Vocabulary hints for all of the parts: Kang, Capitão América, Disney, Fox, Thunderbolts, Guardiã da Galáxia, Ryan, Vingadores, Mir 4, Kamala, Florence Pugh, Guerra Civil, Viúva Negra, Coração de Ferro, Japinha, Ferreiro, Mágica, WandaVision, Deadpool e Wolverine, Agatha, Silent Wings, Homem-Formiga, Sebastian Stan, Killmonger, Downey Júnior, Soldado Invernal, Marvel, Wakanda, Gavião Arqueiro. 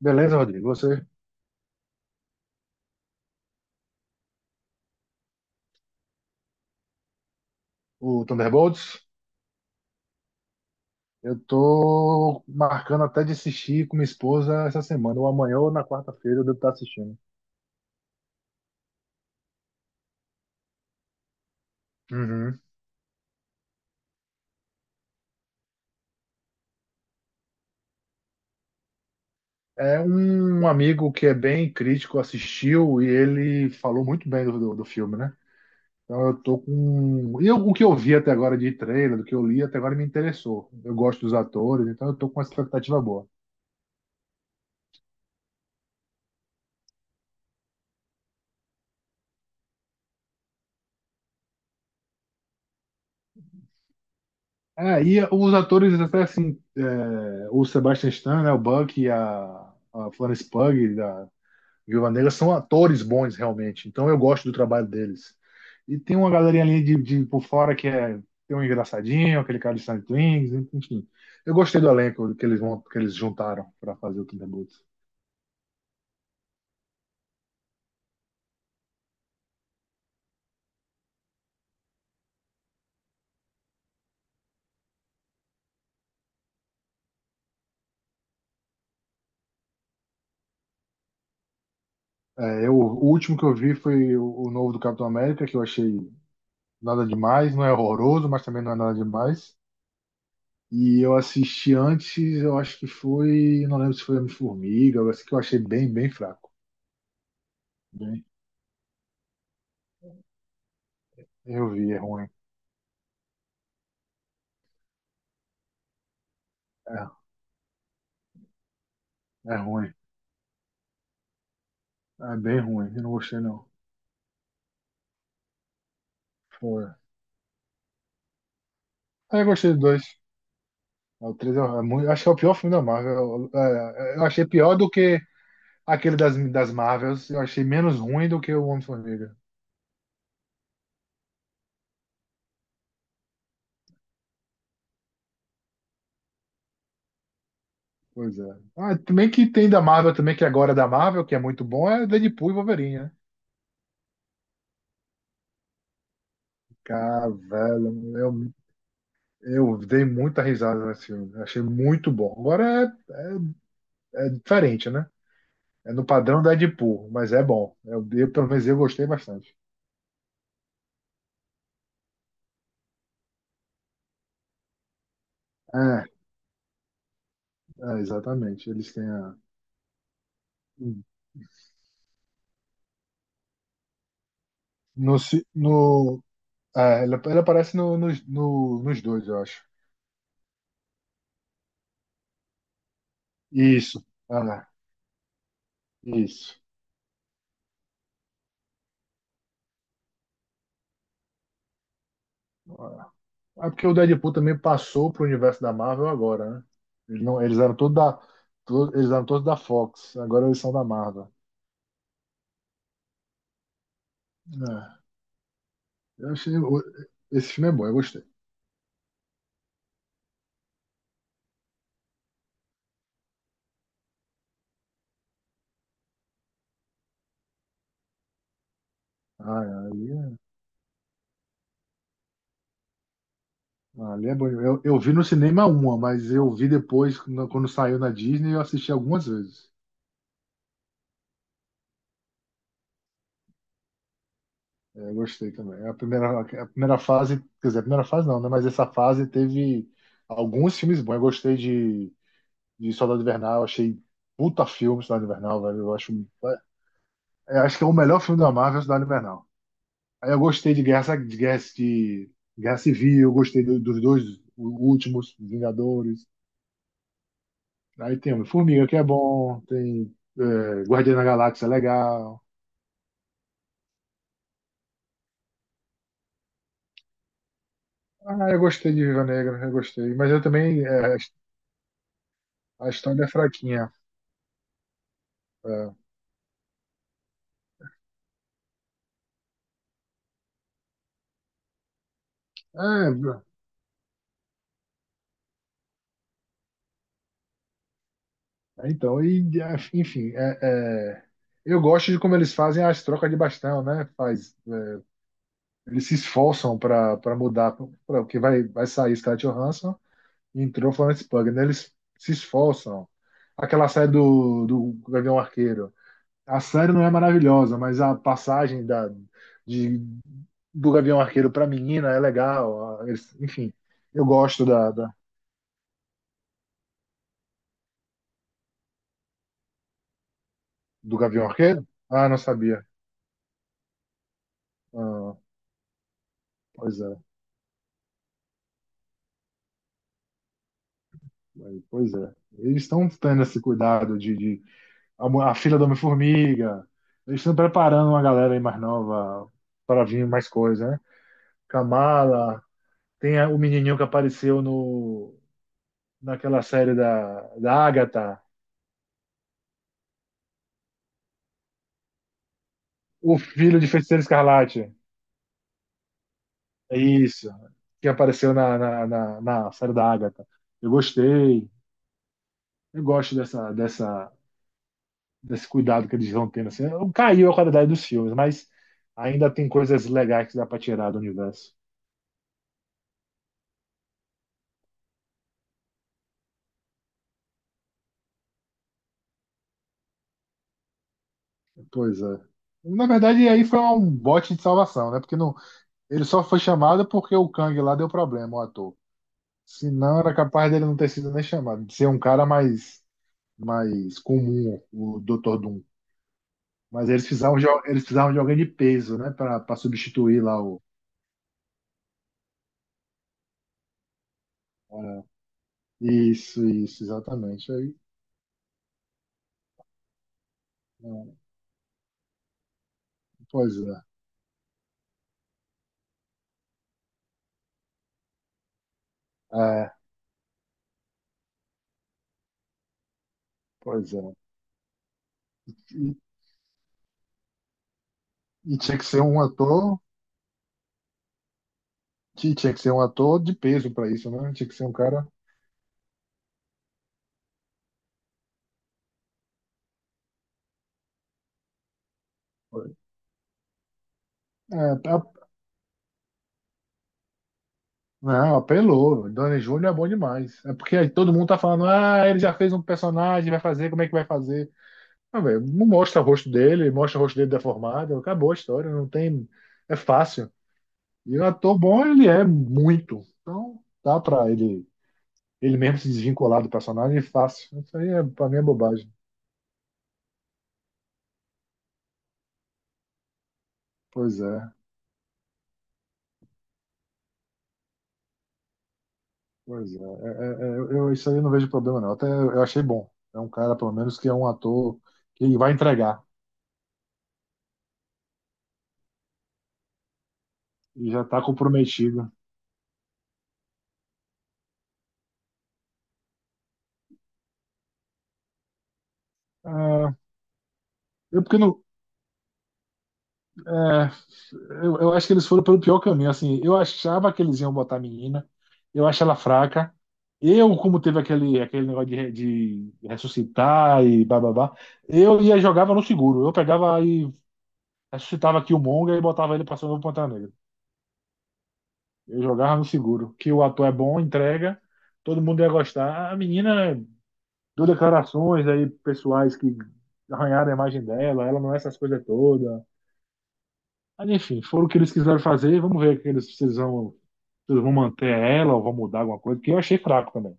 Beleza, Rodrigo? Você, o Thunderbolts? Eu tô marcando até de assistir com minha esposa essa semana, ou amanhã ou na quarta-feira eu devo estar assistindo. Uhum. É um amigo que é bem crítico, assistiu e ele falou muito bem do filme, né? Então eu tô com. O que eu vi até agora de trailer, do que eu li até agora me interessou. Eu gosto dos atores, então eu tô com uma expectativa boa. É, e os atores, até assim, é, o Sebastian Stan, né, o Buck e a Florence Pugh, da, Viúva Negra são atores bons, realmente. Então eu gosto do trabalho deles. E tem uma galerinha ali de por fora que é tem um engraçadinho, aquele cara de Silent Wings, enfim. Eu gostei do elenco que que eles juntaram para fazer o Thunderbolts. É, eu, o último que eu vi foi o novo do Capitão América, que eu achei nada demais, não é horroroso, mas também não é nada demais. E eu assisti antes, eu acho que foi, não lembro se foi Homem-Formiga, eu acho que eu achei bem fraco. Bem, eu vi, é ruim. É, é ruim. É bem ruim, eu não gostei não. Foi. É, eu gostei dos dois. É, o 3 é, é muito, acho que é o pior filme da Marvel. É, eu achei pior do que aquele das Marvels. Eu achei menos ruim do que o Homem-Formiga. Pois é. Ah, também que tem da Marvel também, que agora é da Marvel, que é muito bom, é Deadpool e Wolverine, né? Cara, velho, eu dei muita risada nesse filme. Eu achei muito bom. Agora é, é diferente, né? É no padrão da Deadpool, mas é bom. Eu, pelo menos eu gostei bastante. É, exatamente. Eles têm a, No, ci- no, é, ele aparece no, nos dois, eu acho. Isso. Ah, isso. Ah, é porque o Deadpool também passou pro universo da Marvel agora, né? Eles, não, eles eram todos da, eles eram todos da Fox, agora eles são da Marvel. É, eu achei, esse filme é bom, eu gostei. Ah, ali, ali é bom. Eu vi no cinema uma, mas eu vi depois, quando saiu na Disney, eu assisti algumas vezes. É, eu gostei também. A primeira fase, quer dizer, a primeira fase não, né? Mas essa fase teve alguns filmes bons. Eu gostei de Soldado Invernal, achei puta filme Soldado Invernal, velho. Eu acho que é o melhor filme da Marvel, Soldado Invernal. Aí eu gostei de Guerra, de Guerra, de Guerra Civil, eu gostei dos dois últimos, Vingadores. Aí tem Homem-Formiga, que é bom, tem é, Guardiã da Galáxia, é legal. Ah, eu gostei de Viva Negra, eu gostei. Mas eu também, é, a história é fraquinha. É. É, bro. Então, e, é, enfim, é, é, eu gosto de como eles fazem as trocas de bastão, né? Faz, é, eles se esforçam para mudar, pra, porque vai, vai sair Scarlett Johansson e entrou Florence Pugh, né? Eles se esforçam. Aquela série do Gavião Arqueiro. A série não é maravilhosa, mas a passagem da, de, do Gavião Arqueiro para menina é legal. Enfim, eu gosto da do Gavião Arqueiro. Ah, não sabia. Ah, pois é. Pois é. Eles estão tendo esse cuidado a, a filha do Homem-Formiga. Eles estão preparando uma galera aí mais nova para vir mais coisa, né? Kamala, tem o menininho que apareceu no, naquela série da Agatha, o filho de Feiticeiro Escarlate. É isso, que apareceu na série da Agatha. Eu gostei, eu gosto dessa desse cuidado que eles vão tendo. Assim, caiu a qualidade dos filmes, mas ainda tem coisas legais que dá pra tirar do universo. Pois é. Na verdade, aí foi um bote de salvação, né? Porque não, ele só foi chamado porque o Kang lá deu problema, o ator. Se não, era capaz dele não ter sido nem chamado, de ser um cara mais, mais comum, o Dr. Doom. Mas eles precisavam de alguém de peso, né? Pra, pra substituir lá o. É, isso, exatamente. Aí, é, pois é. É, pois é. E tinha que ser um ator, que tinha que ser um ator de peso pra isso, né? Tinha que ser um cara. É, a- não, apelou. Downey Júnior é bom demais. É porque aí todo mundo tá falando, ah, ele já fez um personagem, vai fazer, como é que vai fazer? Ah, velho, não mostra o rosto dele, mostra o rosto dele deformado, acabou a história, não tem. É fácil. E o ator bom, ele é muito. Então, dá pra ele, ele mesmo se desvincular do personagem, é fácil. Isso aí, é, pra mim, é bobagem. Pois é. Pois é, é, é, é, eu, isso aí eu não vejo problema não. Até eu achei bom. É um cara, pelo menos, que é um ator que vai entregar e já tá comprometido. Ah, eu, porque não, eu acho que eles foram pelo pior caminho. Assim, eu achava que eles iam botar a menina, eu acho ela fraca. Eu, como teve aquele, aquele negócio de, de ressuscitar e bababá, eu ia e jogava no seguro. Eu pegava e ressuscitava Killmonger e botava ele pra ser o novo Pantera Negra. Eu jogava no seguro. Que o ator é bom, entrega, todo mundo ia gostar. A menina deu declarações aí pessoais que arranharam a imagem dela, ela não é essas coisas todas. Mas enfim, foram o que eles quiseram fazer, vamos ver o que eles precisam. Se eles vão manter ela ou vão mudar alguma coisa, porque eu achei fraco também.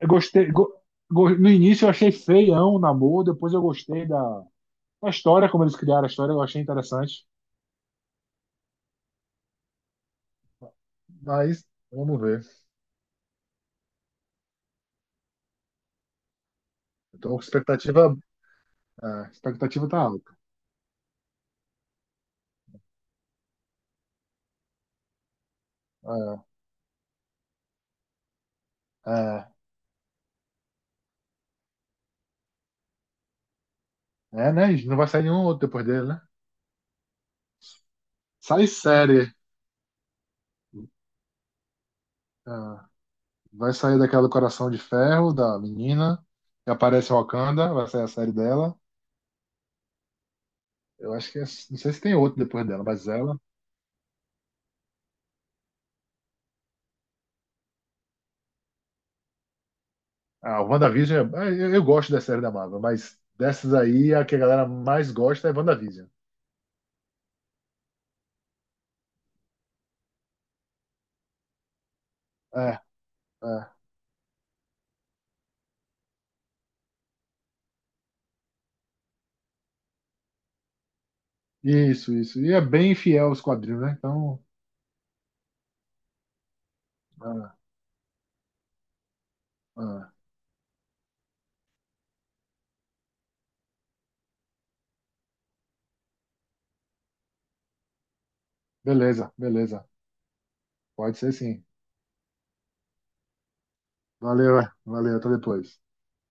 Eu gostei. No início eu achei feião o namoro, depois eu gostei da, da história, como eles criaram a história, eu achei interessante. Mas vamos ver. Então, expectativa. A expectativa tá alta. É, é. É, né? Não vai sair nenhum outro depois dele, né? Sai série. Ah, vai sair daquela do Coração de Ferro, da menina, que aparece Wakanda, vai sair a série dela. Eu acho que é, não sei se tem outro depois dela, mas ela. Ah, o WandaVision, é, é, eu gosto da série da Marvel, mas dessas aí, a que a galera mais gosta é WandaVision. É, é. Isso, isso. E é bem fiel aos quadrinhos, né? Então, ah, ah, beleza, beleza. Pode ser sim. Valeu, é. Valeu, até depois.